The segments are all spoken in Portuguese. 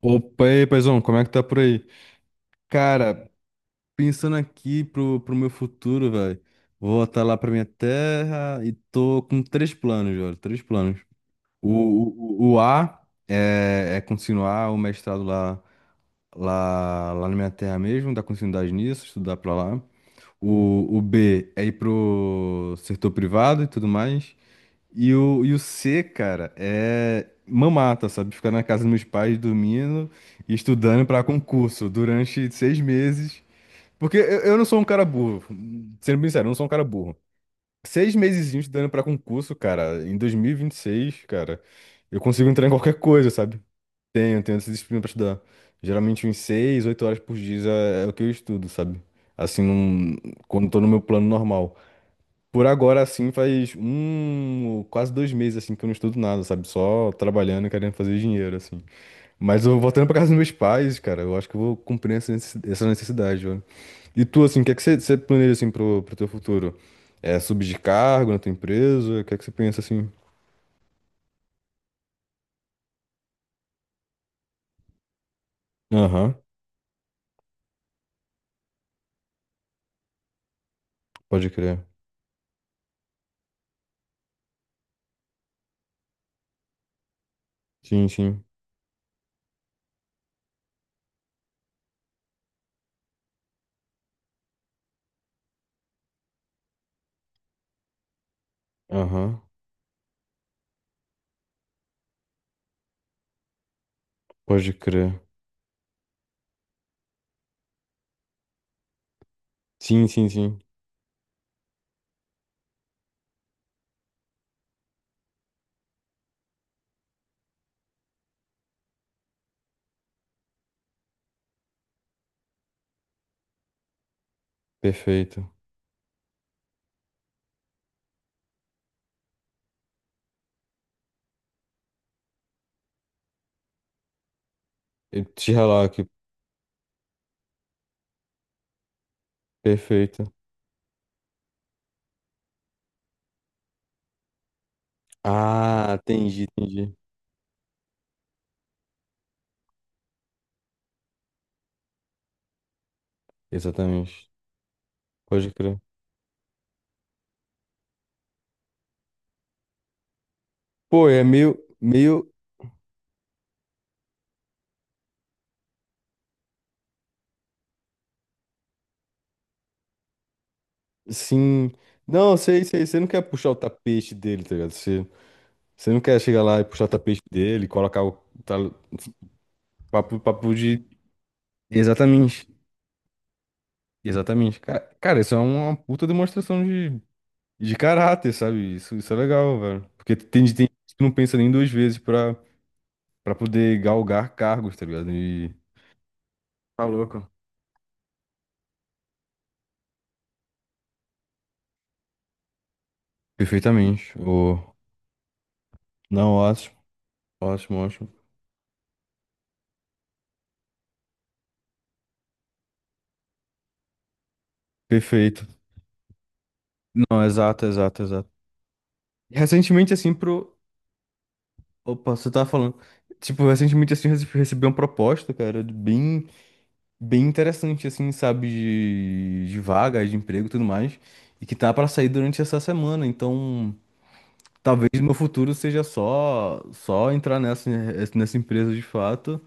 Opa, e aí, paizão, como é que tá por aí? Cara, pensando aqui pro meu futuro, velho, vou voltar lá pra minha terra e tô com três planos, velho, três planos. O, o A é continuar o mestrado lá na minha terra mesmo, dar continuidade nisso, estudar pra lá. O B é ir pro setor privado e tudo mais. E o C, cara, é mamata, sabe? Ficar na casa dos meus pais dormindo e estudando pra concurso durante 6 meses. Porque eu não sou um cara burro, sendo bem sincero, eu não sou um cara burro. 6 meses estudando pra concurso, cara, em 2026, cara, eu consigo entrar em qualquer coisa, sabe? Tenho essa disciplina pra estudar. Geralmente uns 6, 8 horas por dia é o que eu estudo, sabe? Assim, quando tô no meu plano normal. Por agora, assim, faz quase 2 meses, assim, que eu não estudo nada, sabe? Só trabalhando e querendo fazer dinheiro, assim. Mas eu voltando pra casa dos meus pais, cara, eu acho que eu vou cumprir essa necessidade, velho. E tu, assim, o que é que você planeja, assim, pro teu futuro? É subir de cargo na tua empresa? O que é que você pensa, assim? Aham, pode crer. Sim, sim. Aham, pode crer. Sim, sim, sim. Perfeito. Eu te ralar aqui, perfeito. Ah, entendi, entendi. Exatamente. Pode crer. Pô, é meio, meio, sim. Não, sei, sei, você não quer puxar o tapete dele, tá ligado? Você, você não quer chegar lá e puxar o tapete dele, colocar o tá, papo, papo de. Exatamente, exatamente. Cara, isso é uma puta demonstração de, caráter, sabe? Isso é legal, velho. Porque tem gente que não pensa nem duas vezes pra poder galgar cargos, tá ligado? E. Tá louco. Perfeitamente. Ô, não, ótimo, ótimo, ótimo. Perfeito. Não, exato, exato, exato. Recentemente, assim, Opa, você tava falando. Tipo, recentemente, assim, recebi uma proposta, cara, de bem, bem interessante, assim, sabe, de, vaga, de emprego e tudo mais, e que tá pra sair durante essa semana. Então, talvez no meu futuro seja só entrar nessa, empresa de fato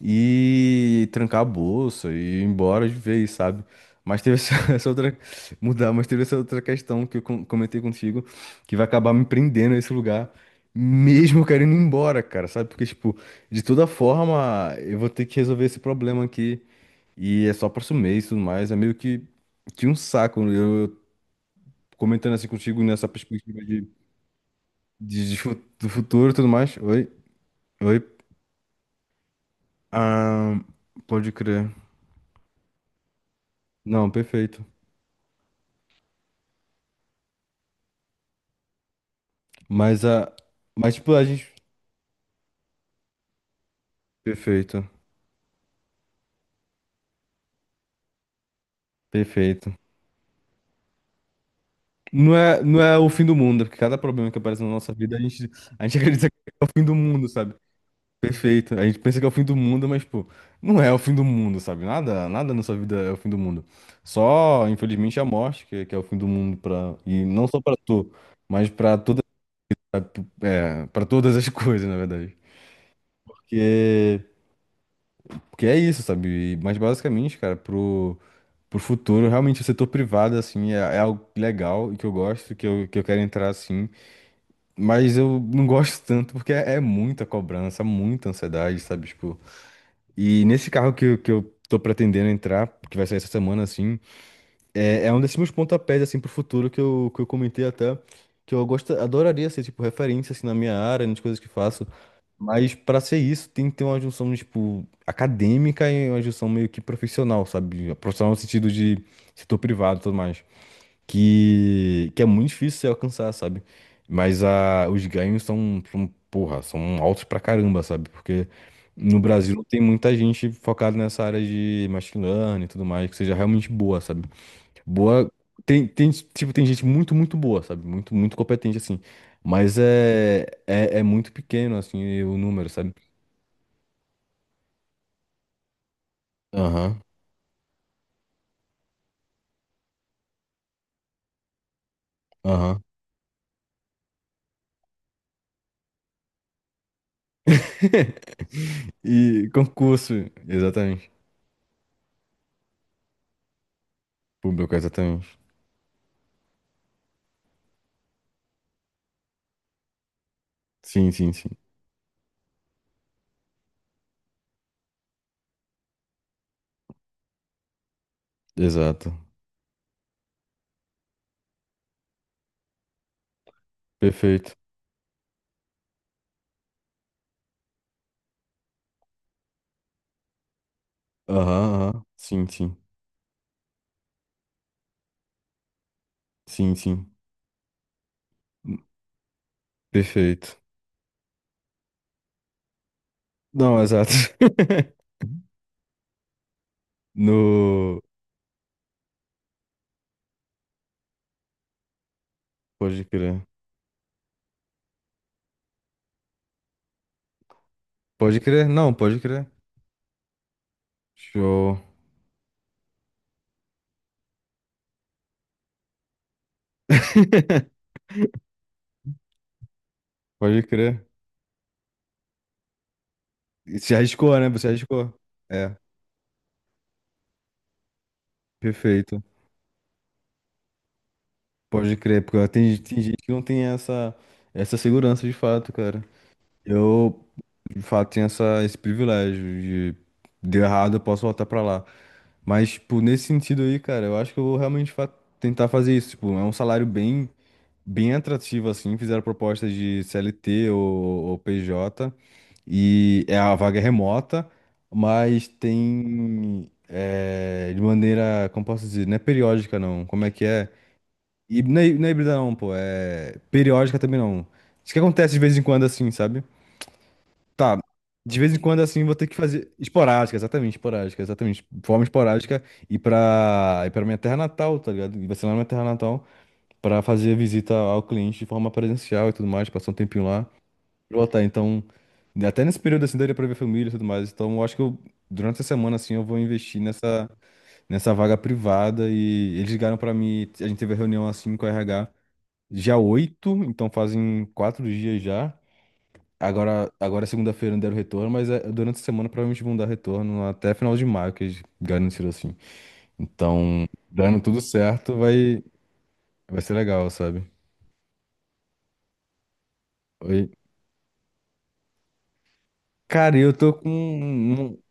e trancar a bolsa e ir embora de vez, sabe? Mas teve essa, essa outra. Mudar, mas teve essa outra questão que eu comentei contigo, que vai acabar me prendendo a esse lugar, mesmo eu querendo ir embora, cara, sabe? Porque, tipo, de toda forma, eu vou ter que resolver esse problema aqui. E é só próximo mês e tudo mais. É meio que um saco, né? Eu comentando assim contigo nessa perspectiva do futuro e tudo mais. Oi, oi. Ah, pode crer. Não, perfeito. Mas a. Mas, tipo, a gente. Perfeito. Perfeito. Não é o fim do mundo, porque cada problema que aparece na nossa vida, a gente acredita que é o fim do mundo, sabe? Perfeito. A gente pensa que é o fim do mundo, mas, pô, não é o fim do mundo, sabe? Nada, nada na sua vida é o fim do mundo. Só, infelizmente, a morte, que é o fim do mundo pra, e não só pra tu, mas pra toda, pra- pra todas as coisas, na verdade. Porque Porque é isso, sabe? E. Mas basicamente, cara, pro futuro, realmente o setor privado, assim, é algo legal e que eu gosto, que eu quero entrar, assim. Mas eu não gosto tanto porque é muita cobrança, muita ansiedade, sabe? Tipo, e nesse carro que, que eu tô pretendendo entrar, que vai sair essa semana, assim, é um desses meus pontapés, assim, pro futuro que eu, comentei até, que eu gosto, adoraria ser, tipo, referência, assim, na minha área, nas coisas que faço. Mas para ser isso, tem que ter uma junção, tipo, acadêmica e uma junção meio que profissional, sabe? Profissional no sentido de setor privado e tudo mais. Que é muito difícil você alcançar, sabe? Mas a, os ganhos são, porra, são altos pra caramba, sabe? Porque no Brasil não tem muita gente focada nessa área de machine learning e tudo mais, que seja realmente boa, sabe? Boa. Tem, tipo, tem gente muito, muito boa, sabe? Muito, muito competente, assim. Mas é muito pequeno, assim, o número, sabe? Aham, aham. E concurso, exatamente. Público, exatamente. Sim, sim, sim. Exato. Perfeito. Aham, aham. Sim, sim. Sim, sim. Perfeito. Não, exato. No. Pode crer. Pode crer? Não, pode crer. Show. Pode crer. E você arriscou, né? Você arriscou. É, perfeito. Pode crer, porque tem gente que não tem essa segurança de fato, cara. Eu, de fato tem esse privilégio de deu errado, eu posso voltar pra lá. Mas, tipo, nesse sentido aí, cara, eu acho que eu vou realmente tentar fazer isso. Tipo, é um salário bem, bem atrativo, assim. Fizeram propostas de CLT ou PJ, e é a vaga é remota, mas tem é, de maneira, como posso dizer, não é periódica, não. Como é que é? E não é híbrida, não, pô. É periódica também, não. Isso que acontece de vez em quando, assim, sabe? Tá. De vez em quando, assim, vou ter que fazer. Esporádica, exatamente, esporádica, exatamente. De forma esporádica e pra minha terra natal, tá ligado? E vai ser lá na minha terra natal pra fazer visita ao cliente de forma presencial e tudo mais, passar um tempinho lá e voltar. Então, até nesse período, assim, daria pra ver família e tudo mais. Então, eu acho que eu, durante a semana, assim, eu vou investir nessa, vaga privada e eles ligaram pra mim. A gente teve a reunião, assim, com a RH dia 8, então fazem 4 dias já. Agora, agora é segunda-feira, não deram retorno, mas é, durante a semana provavelmente vão dar retorno até final de maio, que eles garantiram assim. Então, dando tudo certo, vai ser legal, sabe? Oi. Cara, eu tô com um.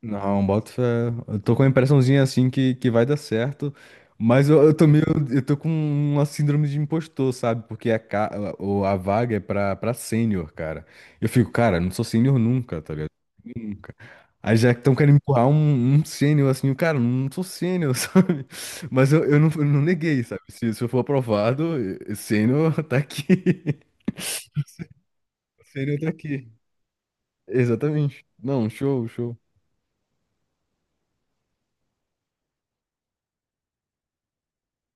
Não, boto fé. Eu tô com a impressãozinha assim que vai dar certo, mas eu, eu tô com uma síndrome de impostor, sabe? Porque a vaga é pra sênior, cara. Eu fico, cara, não sou sênior nunca, tá ligado? Nunca. Aí já estão querendo empurrar um sênior assim, eu, cara, não sou sênior, sabe? Mas eu, não, eu não neguei, sabe? Se eu for aprovado, eh, sênior tá aqui. Sênior tá aqui. Exatamente. Não, show, show.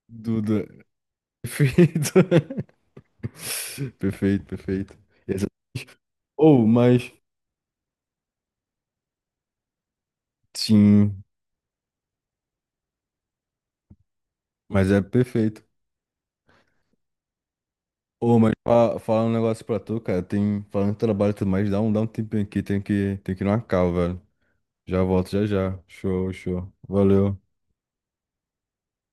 Duda. Perfeito. Perfeito, perfeito. Exatamente. Ou, mas. Sim, mas é perfeito. Ou, mas falar um negócio pra tu, cara. Tem, falando de trabalho e tudo mais, dá um tempinho aqui. Tem que ir numa cal velho. Já volto, já já. Show, show. Valeu.